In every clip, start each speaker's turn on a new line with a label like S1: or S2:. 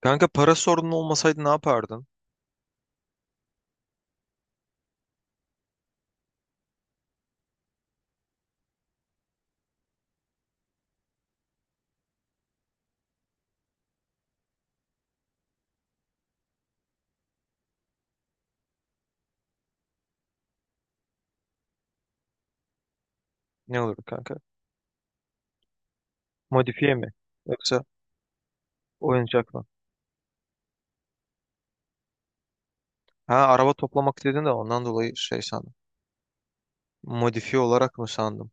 S1: Kanka para sorunun olmasaydı ne yapardın? Ne olurdu kanka? Modifiye mi? Yoksa oyuncak mı? Ha araba toplamak dedin de ondan dolayı şey sandım. Modifiye olarak mı sandım?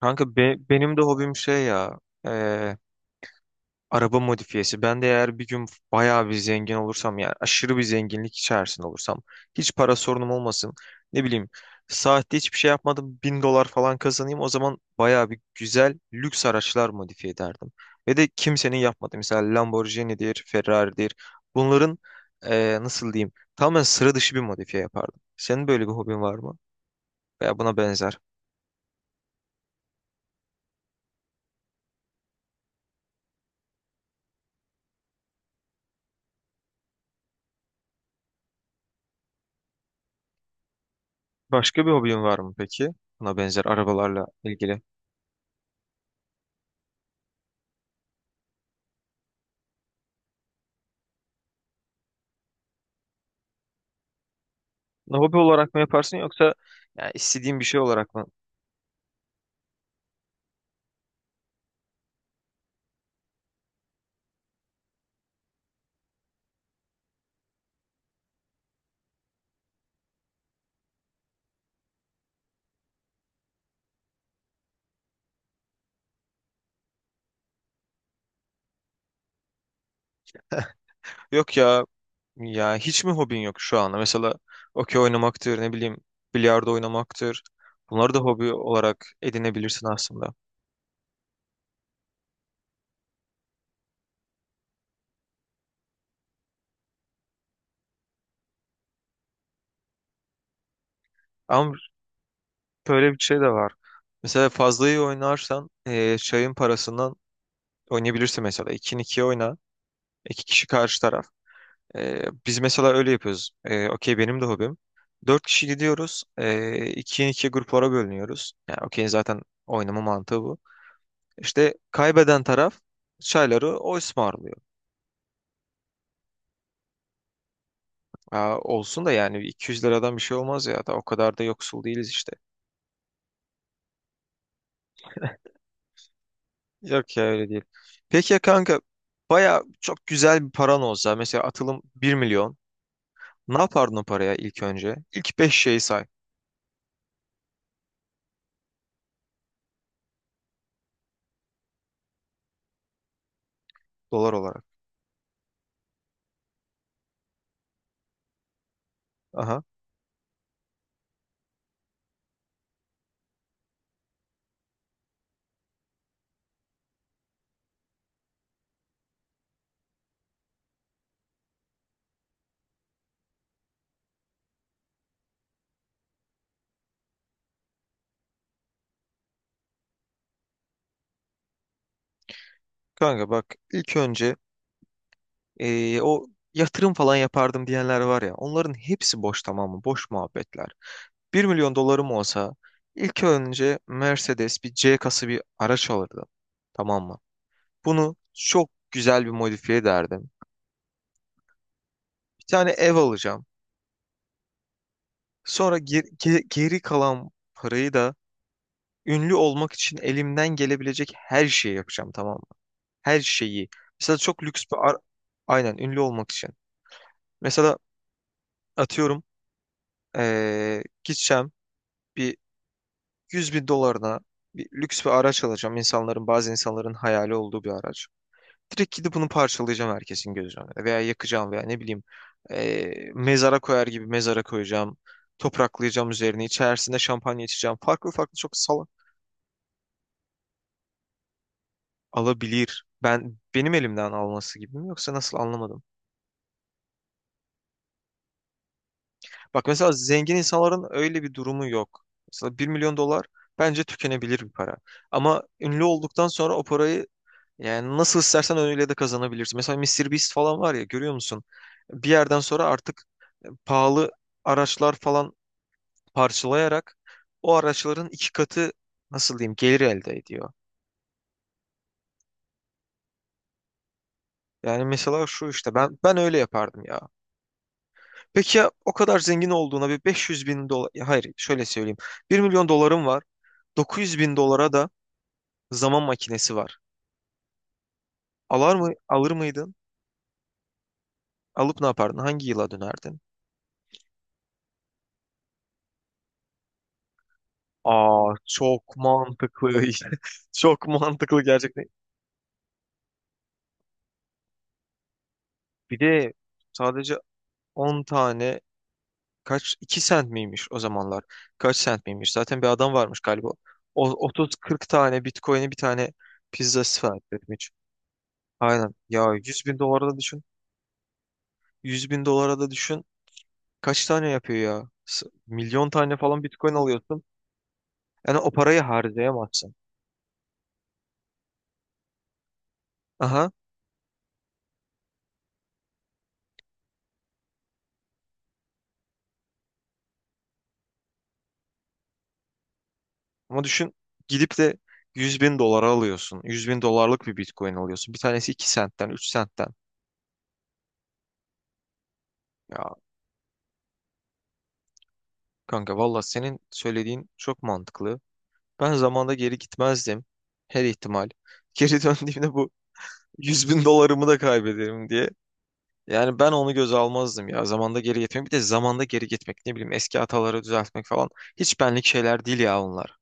S1: Kanka benim de hobim şey ya. Araba modifiyesi. Ben de eğer bir gün bayağı bir zengin olursam yani aşırı bir zenginlik içerisinde olursam hiç para sorunum olmasın. Ne bileyim saatte hiçbir şey yapmadım 1.000 dolar falan kazanayım, o zaman bayağı bir güzel lüks araçlar modifiye ederdim. Ve de kimsenin yapmadığı mesela Lamborghini'dir, Ferrari'dir. Bunların nasıl diyeyim tamamen sıra dışı bir modifiye yapardım. Senin böyle bir hobin var mı? Veya buna benzer. Başka bir hobin var mı peki? Buna benzer arabalarla ilgili. Hobi olarak mı yaparsın yoksa yani istediğin bir şey olarak mı? Yok ya, ya hiç mi hobin yok şu anda? Mesela okey oynamaktır, ne bileyim bilardo oynamaktır. Bunları da hobi olarak edinebilirsin aslında. Ama böyle bir şey de var. Mesela fazla iyi oynarsan çayın parasından oynayabilirsin mesela. 2'nin 2'ye oyna. İki kişi karşı taraf. Biz mesela öyle yapıyoruz. Okey benim de hobim. Dört kişi gidiyoruz. 2'ye 2'ye gruplara bölünüyoruz. Yani okey zaten oynama mantığı bu. İşte kaybeden taraf çayları o ısmarlıyor. Ya olsun da, yani 200 liradan bir şey olmaz, ya da o kadar da yoksul değiliz işte. Yok ya, öyle değil. Peki ya kanka, baya çok güzel bir paran olsa, mesela atılım 1 milyon. Ne yapardın o paraya ilk önce? İlk 5 şeyi say. Dolar olarak. Aha, kanka bak ilk önce o yatırım falan yapardım diyenler var ya, onların hepsi boş, tamam mı? Boş muhabbetler. 1 milyon dolarım olsa ilk önce Mercedes bir C kası bir araç alırdım. Tamam mı? Bunu çok güzel bir modifiye ederdim. Bir tane ev alacağım. Sonra geri kalan parayı da ünlü olmak için elimden gelebilecek her şeyi yapacağım, tamam mı? Her şeyi. Mesela çok lüks bir Aynen ünlü olmak için. Mesela, atıyorum, gideceğim, bir 100 bin dolarına bir lüks bir araç alacağım. İnsanların, bazı insanların hayali olduğu bir araç. Direkt gidip bunu parçalayacağım herkesin gözü önünde. Veya yakacağım, veya ne bileyim mezara koyar gibi mezara koyacağım. Topraklayacağım üzerine. İçerisinde şampanya içeceğim. Farklı farklı, çok salak. Alabilir. Ben benim elimden alması gibi mi, yoksa nasıl, anlamadım. Bak mesela zengin insanların öyle bir durumu yok. Mesela 1 milyon dolar bence tükenebilir bir para. Ama ünlü olduktan sonra o parayı yani nasıl istersen öyle de kazanabilirsin. Mesela Mister Beast falan var ya, görüyor musun? Bir yerden sonra artık pahalı araçlar falan parçalayarak o araçların 2 katı, nasıl diyeyim, gelir elde ediyor. Yani mesela şu işte ben öyle yapardım ya. Peki ya, o kadar zengin olduğuna bir 500 bin dolar, hayır, şöyle söyleyeyim. 1 milyon dolarım var. 900 bin dolara da zaman makinesi var. Alır mıydın? Alıp ne yapardın? Hangi yıla dönerdin? Aa, çok mantıklı. Çok mantıklı gerçekten. Bir de sadece 10 tane, kaç, 2 sent miymiş o zamanlar? Kaç sent miymiş? Zaten bir adam varmış galiba. O 30-40 tane Bitcoin'i bir tane pizza sipariş etmiş. Aynen. Ya 100 bin dolara da düşün. 100 bin dolara da düşün. Kaç tane yapıyor ya? Milyon tane falan Bitcoin alıyorsun. Yani o parayı harcayamazsın. Aha, ama düşün, gidip de 100 bin dolara alıyorsun. 100 bin dolarlık bir Bitcoin alıyorsun. Bir tanesi 2 sentten, 3 sentten. Ya kanka, valla senin söylediğin çok mantıklı. Ben zamanda geri gitmezdim. Her ihtimal. Geri döndüğümde bu 100 bin dolarımı da kaybederim diye. Yani ben onu göze almazdım ya, zamanda geri gitmek. Bir de zamanda geri gitmek, ne bileyim, eski hataları düzeltmek falan. Hiç benlik şeyler değil ya onlar.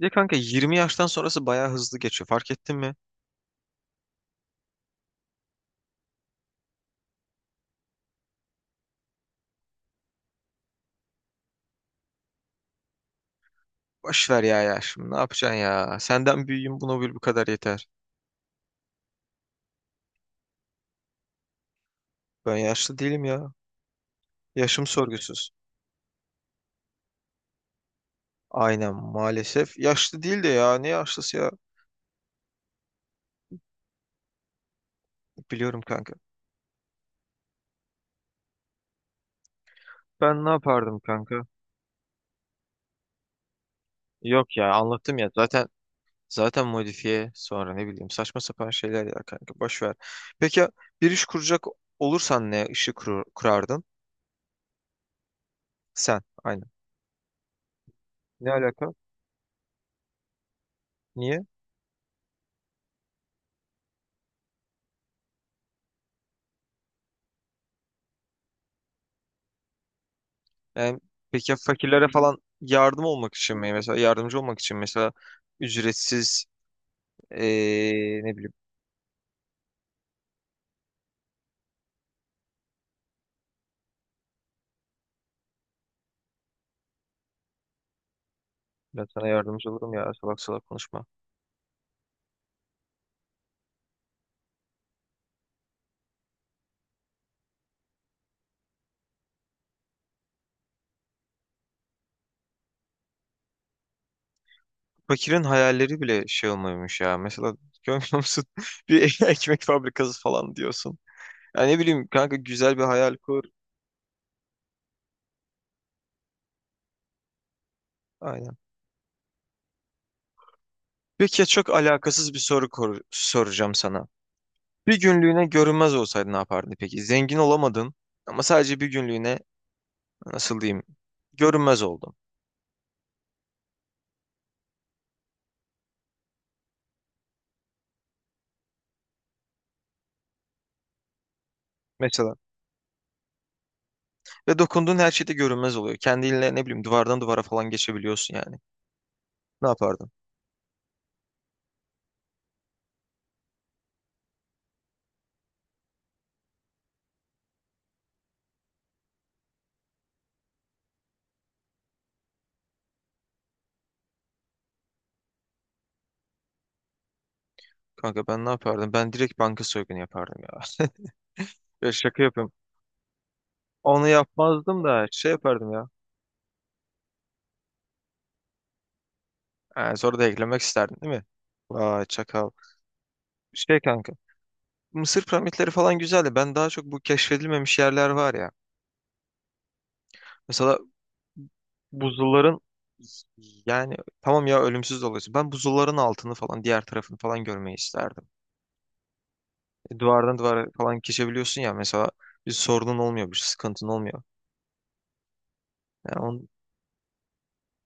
S1: Bir de kanka, 20 yaştan sonrası bayağı hızlı geçiyor. Fark ettin mi? Boş ver ya, ya şimdi ne yapacaksın ya? Senden büyüğüm, bunu bil, bu kadar yeter. Ben yaşlı değilim ya. Yaşım sorgusuz. Aynen, maalesef. Yaşlı değil de ya, ne yaşlısı ya? Biliyorum kanka. Ben ne yapardım kanka? Yok ya, anlattım ya. Zaten modifiye, sonra ne bileyim saçma sapan şeyler ya kanka. Boş ver. Peki ya, bir iş kuracak olursan ne işi kurardın? Sen. Aynen. Ne alaka? Niye? Yani peki ya fakirlere falan yardım olmak için mi? Mesela yardımcı olmak için, mesela ücretsiz, ne bileyim, ben sana yardımcı olurum ya, salak salak konuşma. Fakirin hayalleri bile şey olmuyormuş ya. Mesela görmüyor musun? Bir ekmek fabrikası falan diyorsun. Ya ne bileyim kanka, güzel bir hayal kur. Aynen. Peki ya, çok alakasız bir soru soracağım sana. Bir günlüğüne görünmez olsaydın ne yapardın peki? Zengin olamadın, ama sadece bir günlüğüne, nasıl diyeyim, görünmez oldun. Mesela, ve dokunduğun her şeyde görünmez oluyor. Kendinle, ne bileyim, duvardan duvara falan geçebiliyorsun yani. Ne yapardın? Kanka ben ne yapardım? Ben direkt banka soygunu yapardım ya. Ya şaka yapıyorum. Onu yapmazdım da şey yapardım ya. Yani sonra da eklemek isterdin, değil mi? Vay çakal. Şey kanka. Mısır piramitleri falan güzeldi. Ben daha çok bu keşfedilmemiş yerler var ya. Mesela buzulların, yani tamam ya, ölümsüz de oluyorsun. Ben buzulların altını falan, diğer tarafını falan görmeyi isterdim. Duvardan duvara falan geçebiliyorsun ya, mesela bir sorunun olmuyor, bir sıkıntın olmuyor. Yani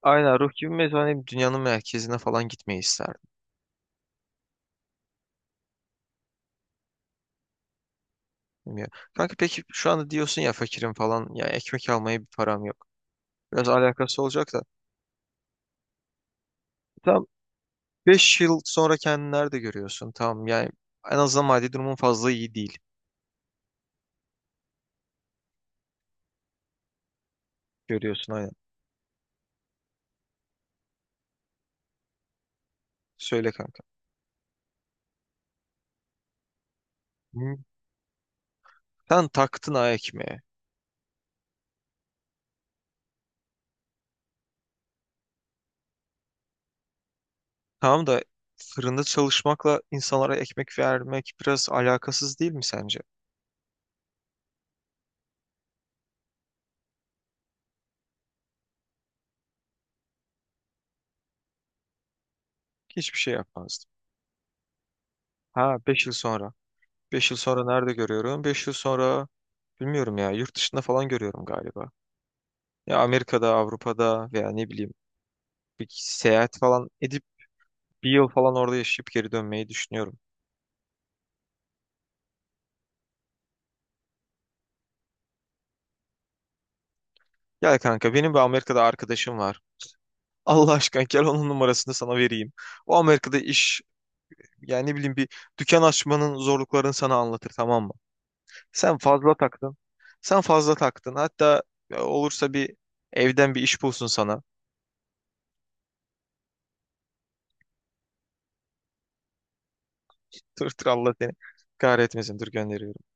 S1: aynen, ruh gibi, mezun dünyanın merkezine falan gitmeyi isterdim. Bilmiyorum. Kanka peki, şu anda diyorsun ya fakirim falan, ya ekmek almaya bir param yok. Biraz alakası olacak da, tam 5 yıl sonra kendini nerede görüyorsun? Tamam yani, en azından maddi durumun fazla iyi değil. Görüyorsun aynen. Söyle kanka. Hı. Sen taktın ha ekmeğe. Tamam da, fırında çalışmakla insanlara ekmek vermek biraz alakasız değil mi sence? Hiçbir şey yapmazdım. Ha, 5 yıl sonra. 5 yıl sonra nerede görüyorum? 5 yıl sonra, bilmiyorum ya. Yurt dışında falan görüyorum galiba. Ya Amerika'da, Avrupa'da, veya ne bileyim bir seyahat falan edip 1 yıl falan orada yaşayıp geri dönmeyi düşünüyorum. Gel kanka, benim bir Amerika'da arkadaşım var. Allah aşkına, gel onun numarasını sana vereyim. O Amerika'da iş, yani ne bileyim bir dükkan açmanın zorluklarını sana anlatır, tamam mı? Sen fazla taktın. Sen fazla taktın. Hatta, olursa bir evden bir iş bulsun sana. Dur dur, Allah seni kahretmesin. Dur, gönderiyorum.